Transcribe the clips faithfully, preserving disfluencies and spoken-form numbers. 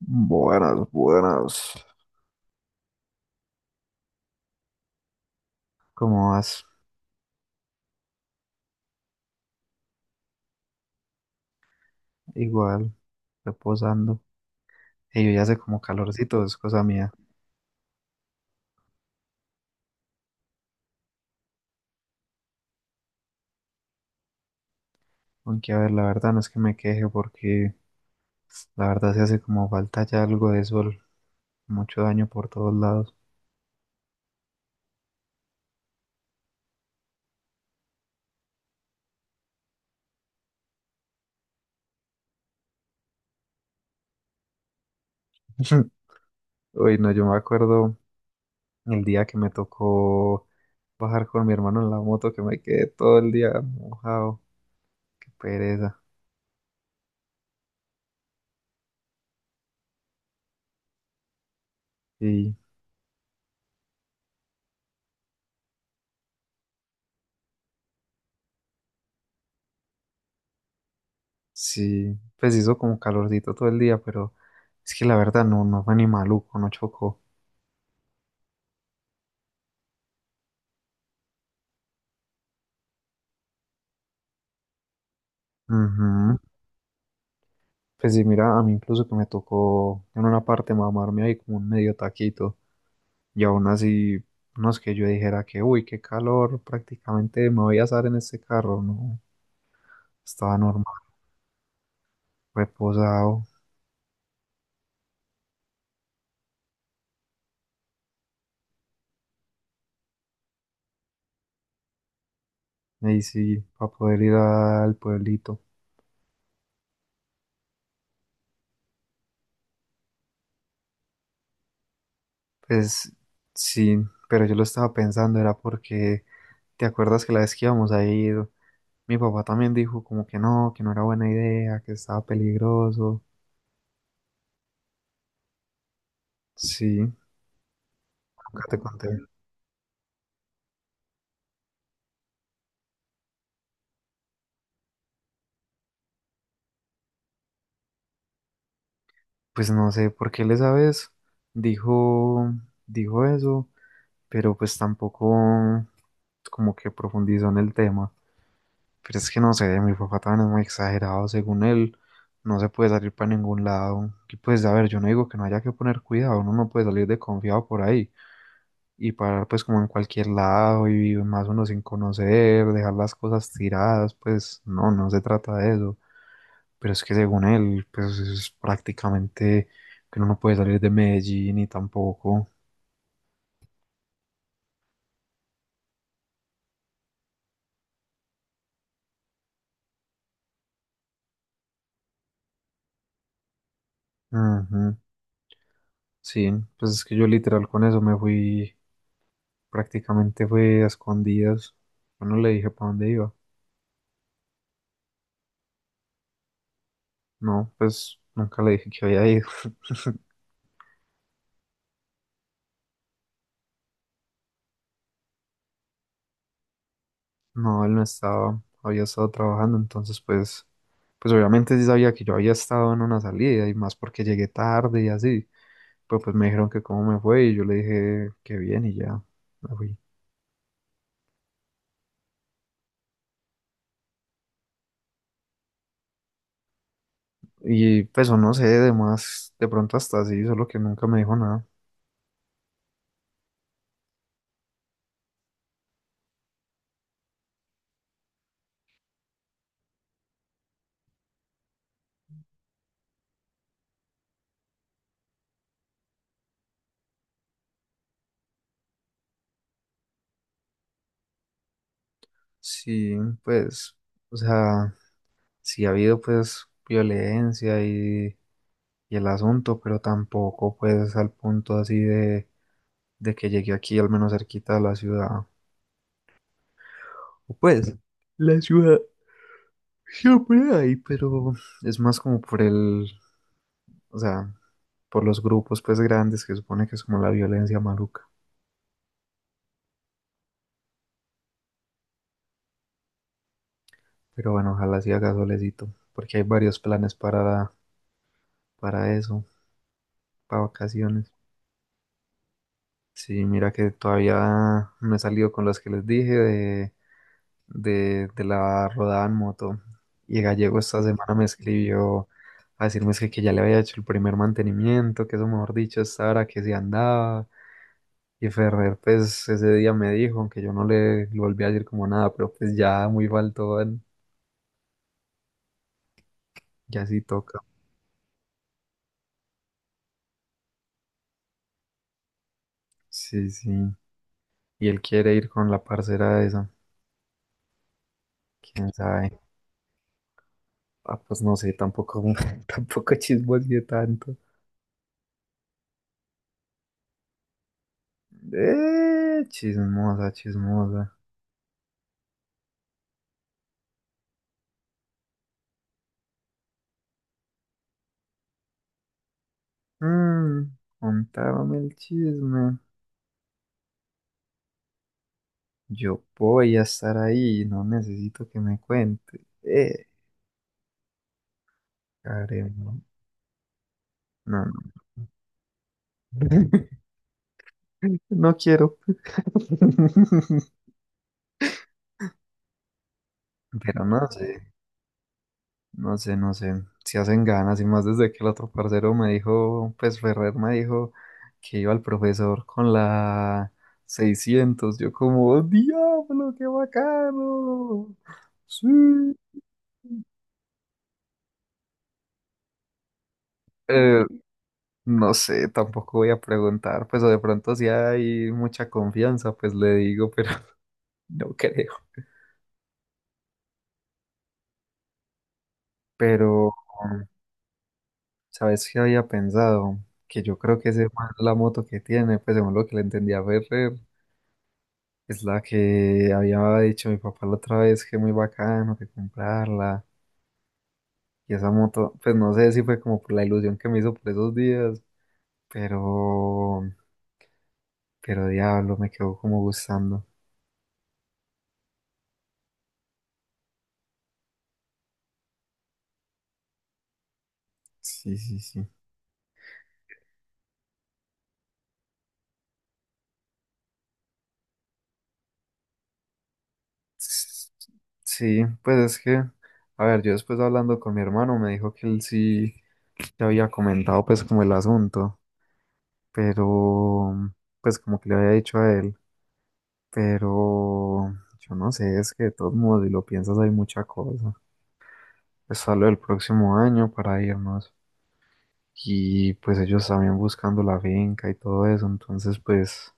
Buenas, buenas. ¿Cómo vas? Igual, reposando. Y yo ya hace como calorcito, es cosa mía. Aunque a ver, la verdad no es que me queje porque la verdad se hace como falta ya algo de sol. Mucho daño por todos lados. Uy, no, yo me acuerdo el día que me tocó bajar con mi hermano en la moto que me quedé todo el día mojado. Qué pereza. Y sí, pues hizo como calorcito todo el día, pero es que la verdad no, no fue ni maluco, no chocó. Ujú. Pues sí, mira, a mí incluso que me tocó en una parte mamarme ahí como un medio taquito y aún así, no es que yo dijera que, uy, qué calor, prácticamente me voy a asar en este carro, no, estaba normal, reposado, ahí sí, para poder ir al pueblito. Pues sí, pero yo lo estaba pensando, era porque, ¿te acuerdas que la vez que íbamos a ir, mi papá también dijo como que no, que no era buena idea, que estaba peligroso, sí, nunca te conté? Pues no sé por qué les sabes, dijo, dijo eso, pero pues tampoco como que profundizó en el tema. Pero es que no sé, mi papá también es muy exagerado, según él, no se puede salir para ningún lado. Y pues, a ver, yo no digo que no haya que poner cuidado, uno no puede salir desconfiado por ahí y parar pues como en cualquier lado y más uno sin conocer, dejar las cosas tiradas, pues no, no se trata de eso. Pero es que según él, pues es prácticamente que uno no puede salir de Medellín y tampoco. Ujú, sí, pues es que yo literal con eso me fui, prácticamente fue a escondidas. Yo no le dije para dónde iba. No, pues nunca le dije que había ido. No, él no estaba, había estado trabajando, entonces pues, pues obviamente sí sabía que yo había estado en una salida y más porque llegué tarde y así. Pero pues me dijeron que cómo me fue y yo le dije que bien y ya me fui. Y pues o no sé, de más, de pronto hasta sí, solo que nunca me dijo nada. Sí, pues, o sea, sí ha habido pues violencia y, y el asunto, pero tampoco pues al punto así de, de que llegué aquí al menos cerquita de la ciudad. O pues, la ciudad siempre hay, pero es más como por el, o sea, por los grupos pues grandes que supone que es como la violencia maluca. Pero bueno, ojalá sí haga solecito, porque hay varios planes para, para eso, para vacaciones. Sí, mira que todavía no he salido con los que les dije de, de, de la rodada en moto. Y Gallego esta semana me escribió a decirme es que, que ya le había hecho el primer mantenimiento, que eso mejor dicho, esta hora que se andaba. Y Ferrer, pues ese día me dijo, aunque yo no le, le volví a decir como nada, pero pues ya muy faltón, ya sí toca. Sí, sí. Y él quiere ir con la parcera esa, quién sabe. Ah, pues no sé, tampoco, tampoco chismoseé tanto. Eh, chismosa, chismosa. Mm, contaron el chisme. Yo voy a estar ahí, no necesito que me cuente. Eh, Karen, no, no, no. No quiero. Pero no sé, no sé, no sé. Si hacen ganas, y más desde que el otro parcero me dijo, pues Ferrer me dijo que iba al profesor con la seiscientos. Yo como, diablo, qué bacano. Sí. Eh, no sé, tampoco voy a preguntar, pues o de pronto si hay mucha confianza, pues le digo, pero no creo. Pero, ¿sabes qué había pensado? Que yo creo que ese man, la moto que tiene, pues según lo que le entendí a Ferrer, es la que había dicho mi papá la otra vez que muy bacano, que comprarla. Y esa moto, pues no sé si fue como por la ilusión que me hizo por esos días, pero, pero diablo, me quedó como gustando. Sí, sí, sí. Sí, pues es que, a ver, yo después hablando con mi hermano me dijo que él sí le había comentado pues como el asunto, pero pues como que le había dicho a él, pero yo no sé, es que de todos modos si lo piensas hay mucha cosa. Pues hablo del próximo año para irnos y pues ellos también buscando la finca y todo eso, entonces pues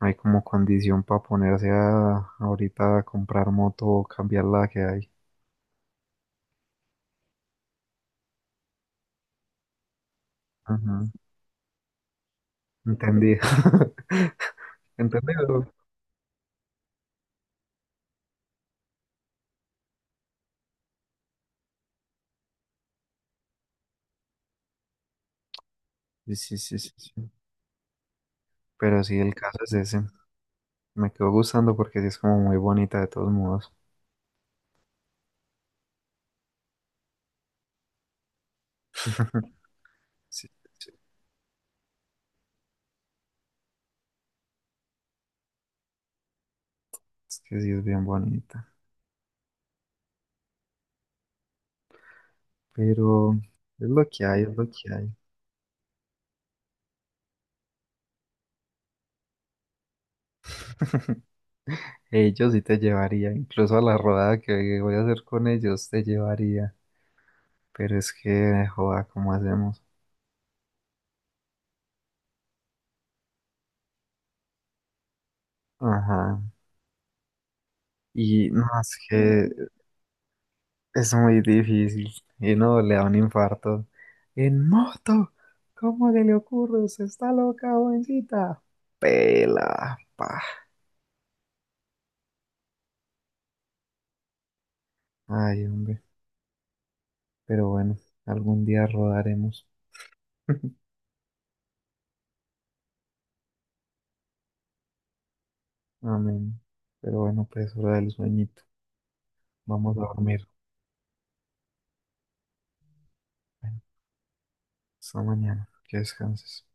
no hay como condición para ponerse a ahorita a comprar moto o cambiar la que hay. Ujú, entendí. ¿Entendido? Sí, sí, sí, sí, sí. Pero sí, el caso es ese. Me quedó gustando porque sí es como muy bonita de todos modos. Sí, es que sí es bien bonita. Pero es lo que hay, es lo que hay. Ellos sí te llevaría, incluso a la rodada que voy a hacer con ellos te llevaría. Pero es que, joda, ¿cómo hacemos? Ajá. Y no, es que es muy difícil. Y no, le da un infarto. En moto. ¿Cómo se le ocurre? ¿Se está loca, jovencita? Pela, pa. Ay, hombre. Pero bueno, algún día rodaremos. Amén. Pero bueno, pues hora del sueñito. Vamos a dormir. Bueno, hasta mañana. Que descanses.